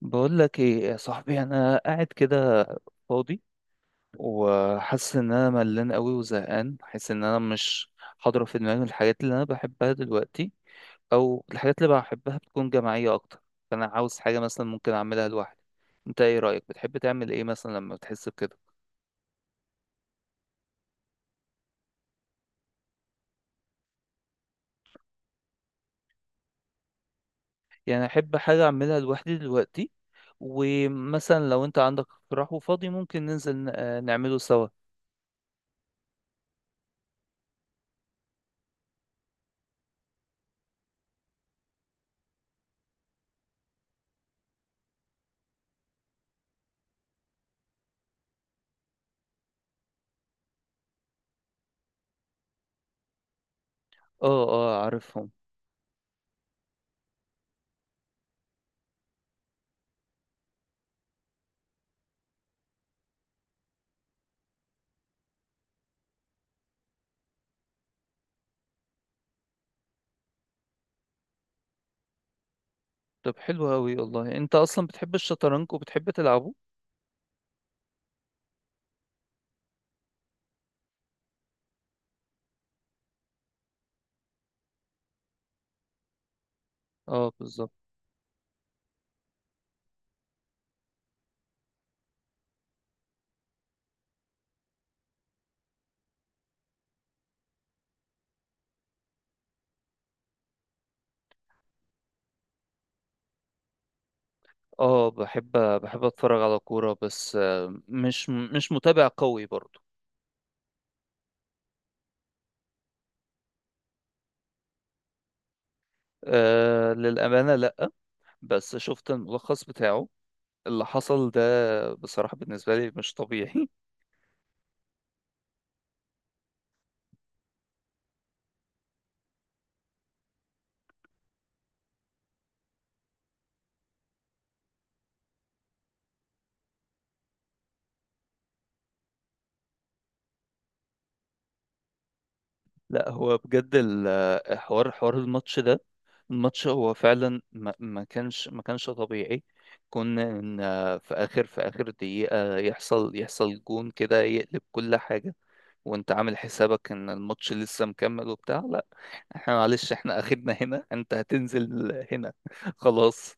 بقول لك ايه يا صاحبي؟ انا قاعد كده فاضي، وحاسس ان انا ملان قوي وزهقان. حاسس ان انا مش حاضره في دماغي الحاجات اللي انا بحبها دلوقتي، او الحاجات اللي بحبها بتكون جماعيه اكتر. فانا عاوز حاجه مثلا ممكن اعملها لوحدي. انت ايه رايك؟ بتحب تعمل ايه مثلا لما بتحس بكده؟ يعني احب حاجه اعملها لوحدي دلوقتي. ومثلا لو انت عندك اقتراح وفاضي ممكن ننزل نعمله سوا. اه اه، عارفهم. طب حلو قوي والله، انت اصلا بتحب الشطرنج وبتحب تلعبه. اه بالظبط. اه بحب اتفرج على كورة، بس مش متابع قوي برضو. للأمانة لأ، بس شفت الملخص بتاعه اللي حصل ده. بصراحة بالنسبة لي مش طبيعي. لأ، هو بجد حوار الماتش ده. الماتش هو فعلا ما كانش طبيعي. كنا إن آه، في آخر دقيقة يحصل جون كده يقلب كل حاجة، وانت عامل حسابك ان الماتش لسه مكمل وبتاع. لا، احنا معلش، احنا اخرنا هنا، انت هتنزل هنا. خلاص.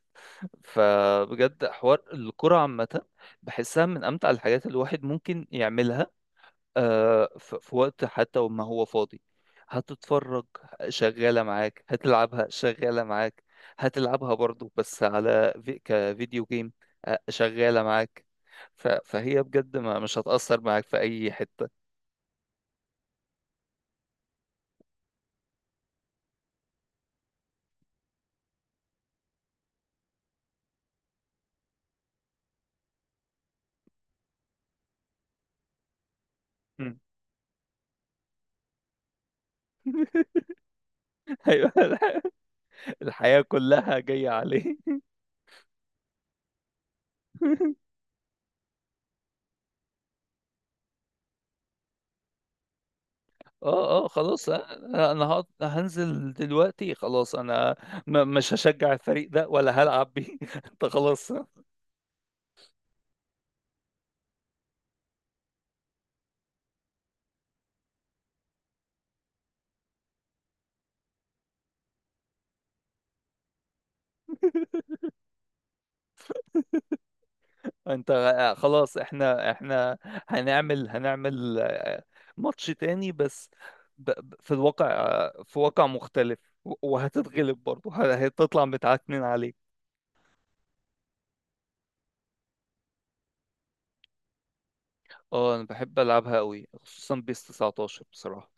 فبجد حوار الكرة عامة، بحسها من امتع الحاجات اللي الواحد ممكن يعملها في وقت حتى وما هو فاضي. هتتفرج شغالة معاك، هتلعبها شغالة معاك، هتلعبها برضو بس على في كفيديو جيم شغالة معاك. فهي بجد ما مش هتأثر معاك في أي حتة. مم. أيوة، الحياة كلها جاية عليه. اه اه، خلاص انا، هنزل دلوقتي. خلاص انا مش هشجع الفريق ده ولا هلعب بيه. انت خلاص. انت خلاص، احنا هنعمل ماتش تاني، بس في الواقع، في واقع مختلف، وهتتغلب برضه هتطلع متعكنين عليك. اه انا بحب العبها قوي، خصوصا بيس 19 بصراحة.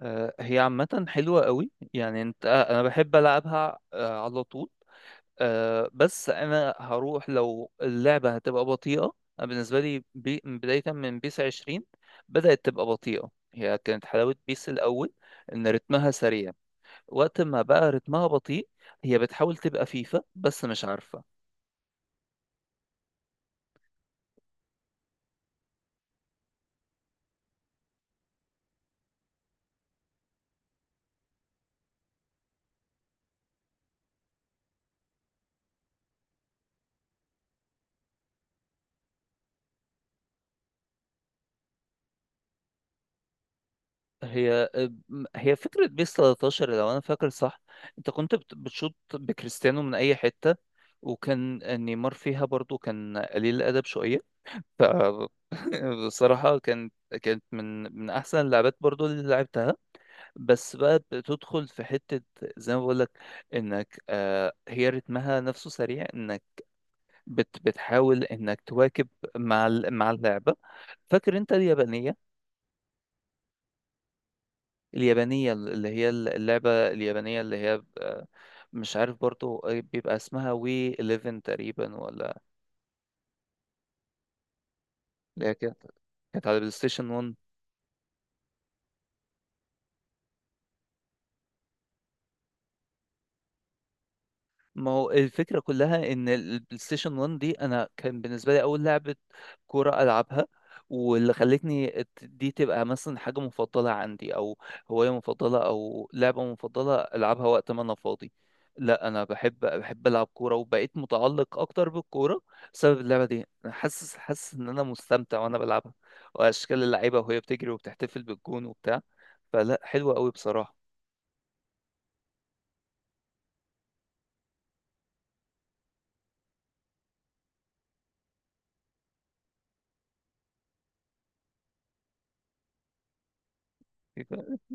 هي عامة حلوة قوي، يعني انت، انا بحب العبها على طول. بس انا هروح لو اللعبه هتبقى بطيئه. أنا بالنسبه لي، بدايه من بيس 20 بدات تبقى بطيئه. هي كانت حلاوه بيس الاول ان رتمها سريع، وقت ما بقى رتمها بطيء. هي بتحاول تبقى فيفا بس مش عارفه. هي هي فكره بيس 13، لو انا فاكر صح، انت كنت بتشوط بكريستيانو من اي حته، وكان نيمار فيها برضو كان قليل الادب شويه. ف بصراحة، كانت من أحسن اللعبات برضو اللي لعبتها، بس بقى بتدخل في حتة زي ما بقولك، إنك هي رتمها نفسه سريع، إنك بتحاول إنك تواكب مع مع اللعبة. فاكر أنت اليابانية اللي هي اللعبة اليابانية اللي هي، مش عارف برضو، بيبقى اسمها وي 11 تقريبا ولا. اللي هي كانت على البلاي ستيشن 1. ما هو الفكرة كلها إن البلاي ستيشن 1 دي أنا كان بالنسبة لي أول لعبة كورة ألعبها، واللي خلتني دي تبقى مثلا حاجة مفضلة عندي، أو هواية مفضلة، أو لعبة مفضلة ألعبها وقت ما أنا فاضي. لا أنا بحب ألعب كورة وبقيت متعلق أكتر بالكورة بسبب اللعبة دي. أنا حاسس إن أنا مستمتع وأنا بلعبها، وأشكال اللعيبة وهي بتجري وبتحتفل بالجون وبتاع. فلا، حلوة أوي بصراحة.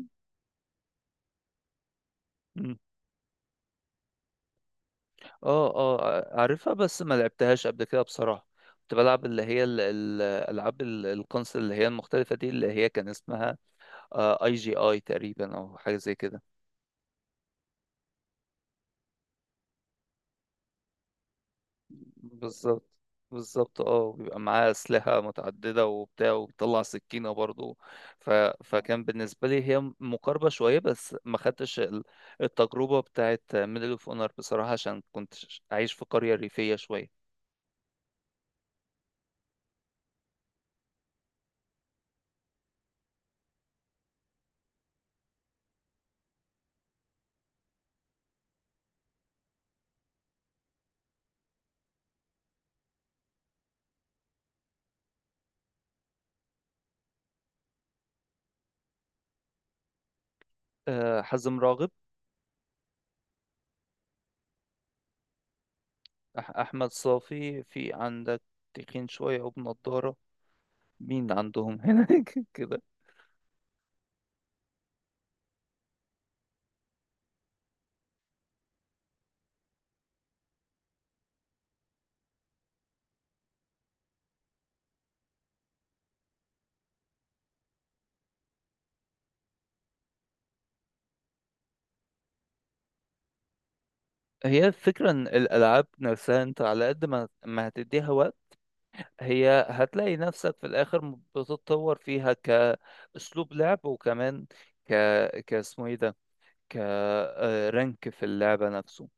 اه اه، عارفها، بس ما لعبتهاش قبل كده بصراحة. كنت بلعب اللي هي الألعاب الكونسل اللي هي المختلفة دي، اللي هي كان اسمها اي جي اي تقريبا، أو حاجة زي كده. بالظبط بالظبط، اه بيبقى معاه أسلحة متعددة وبتاع وبيطلع سكينة برضو. ف... فكان بالنسبة لي هي مقاربة شوية، بس ما خدتش التجربة بتاعت ميدل اوف اونر بصراحة، عشان كنت عايش في قرية ريفية شوية. حزم راغب، أحمد صافي، في عندك تخين شوية وبنضارة؟ مين عندهم هناك؟ كده. هي الفكرة إن الألعاب نفسها، أنت على قد ما ما هتديها وقت، هي هتلاقي نفسك في الآخر بتتطور فيها كأسلوب لعب، وكمان ك كاسمه إيه ده، كرانك في اللعبة نفسه.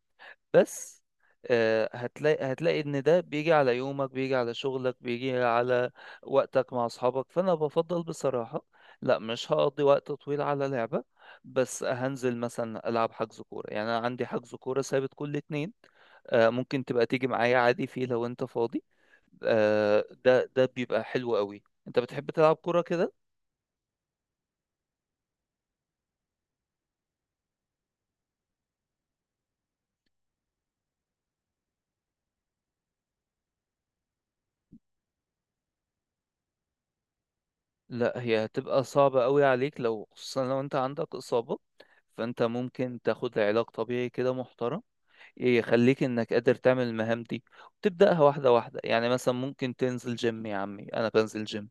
بس هتلاقي ان ده بيجي على يومك، بيجي على شغلك، بيجي على وقتك مع اصحابك. فانا بفضل بصراحة لا مش هقضي وقت طويل على لعبة، بس هنزل مثلا العب حجز كورة. يعني انا عندي حجز كورة ثابت كل اتنين، ممكن تبقى تيجي معايا عادي فيه لو انت فاضي. ده بيبقى حلو قوي. انت بتحب تلعب كورة كده؟ لا، هي هتبقى صعبة قوي عليك، لو خصوصا لو انت عندك اصابة. فانت ممكن تاخد علاج طبيعي كده محترم، إيه، يخليك انك قادر تعمل المهام دي، وتبدأها واحدة واحدة. يعني مثلا ممكن تنزل جيم، يا عمي انا بنزل جيم.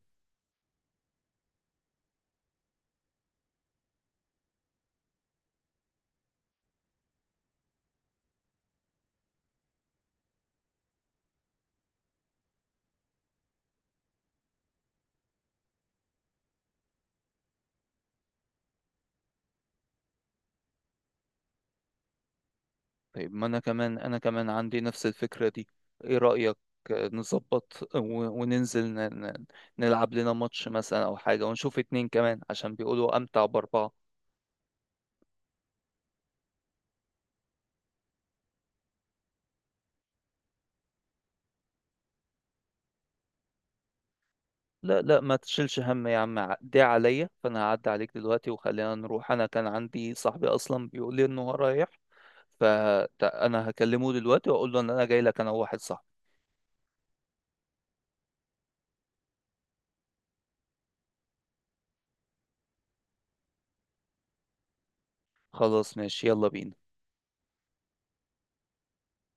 طيب، ما انا كمان، عندي نفس الفكرة دي. ايه رأيك؟ نظبط وننزل نلعب لنا ماتش مثلا او حاجة، ونشوف اتنين كمان عشان بيقولوا امتع باربعة. لا لا، ما تشيلش هم يا عم، دي عليا، فانا هعدي عليك دلوقتي وخلينا نروح. انا كان عندي صاحبي اصلا بيقول لي انه هو رايح، فانا هكلمه دلوقتي واقول له ان انا جاي لك انا وواحد صاحبي. خلاص ماشي، يلا بينا.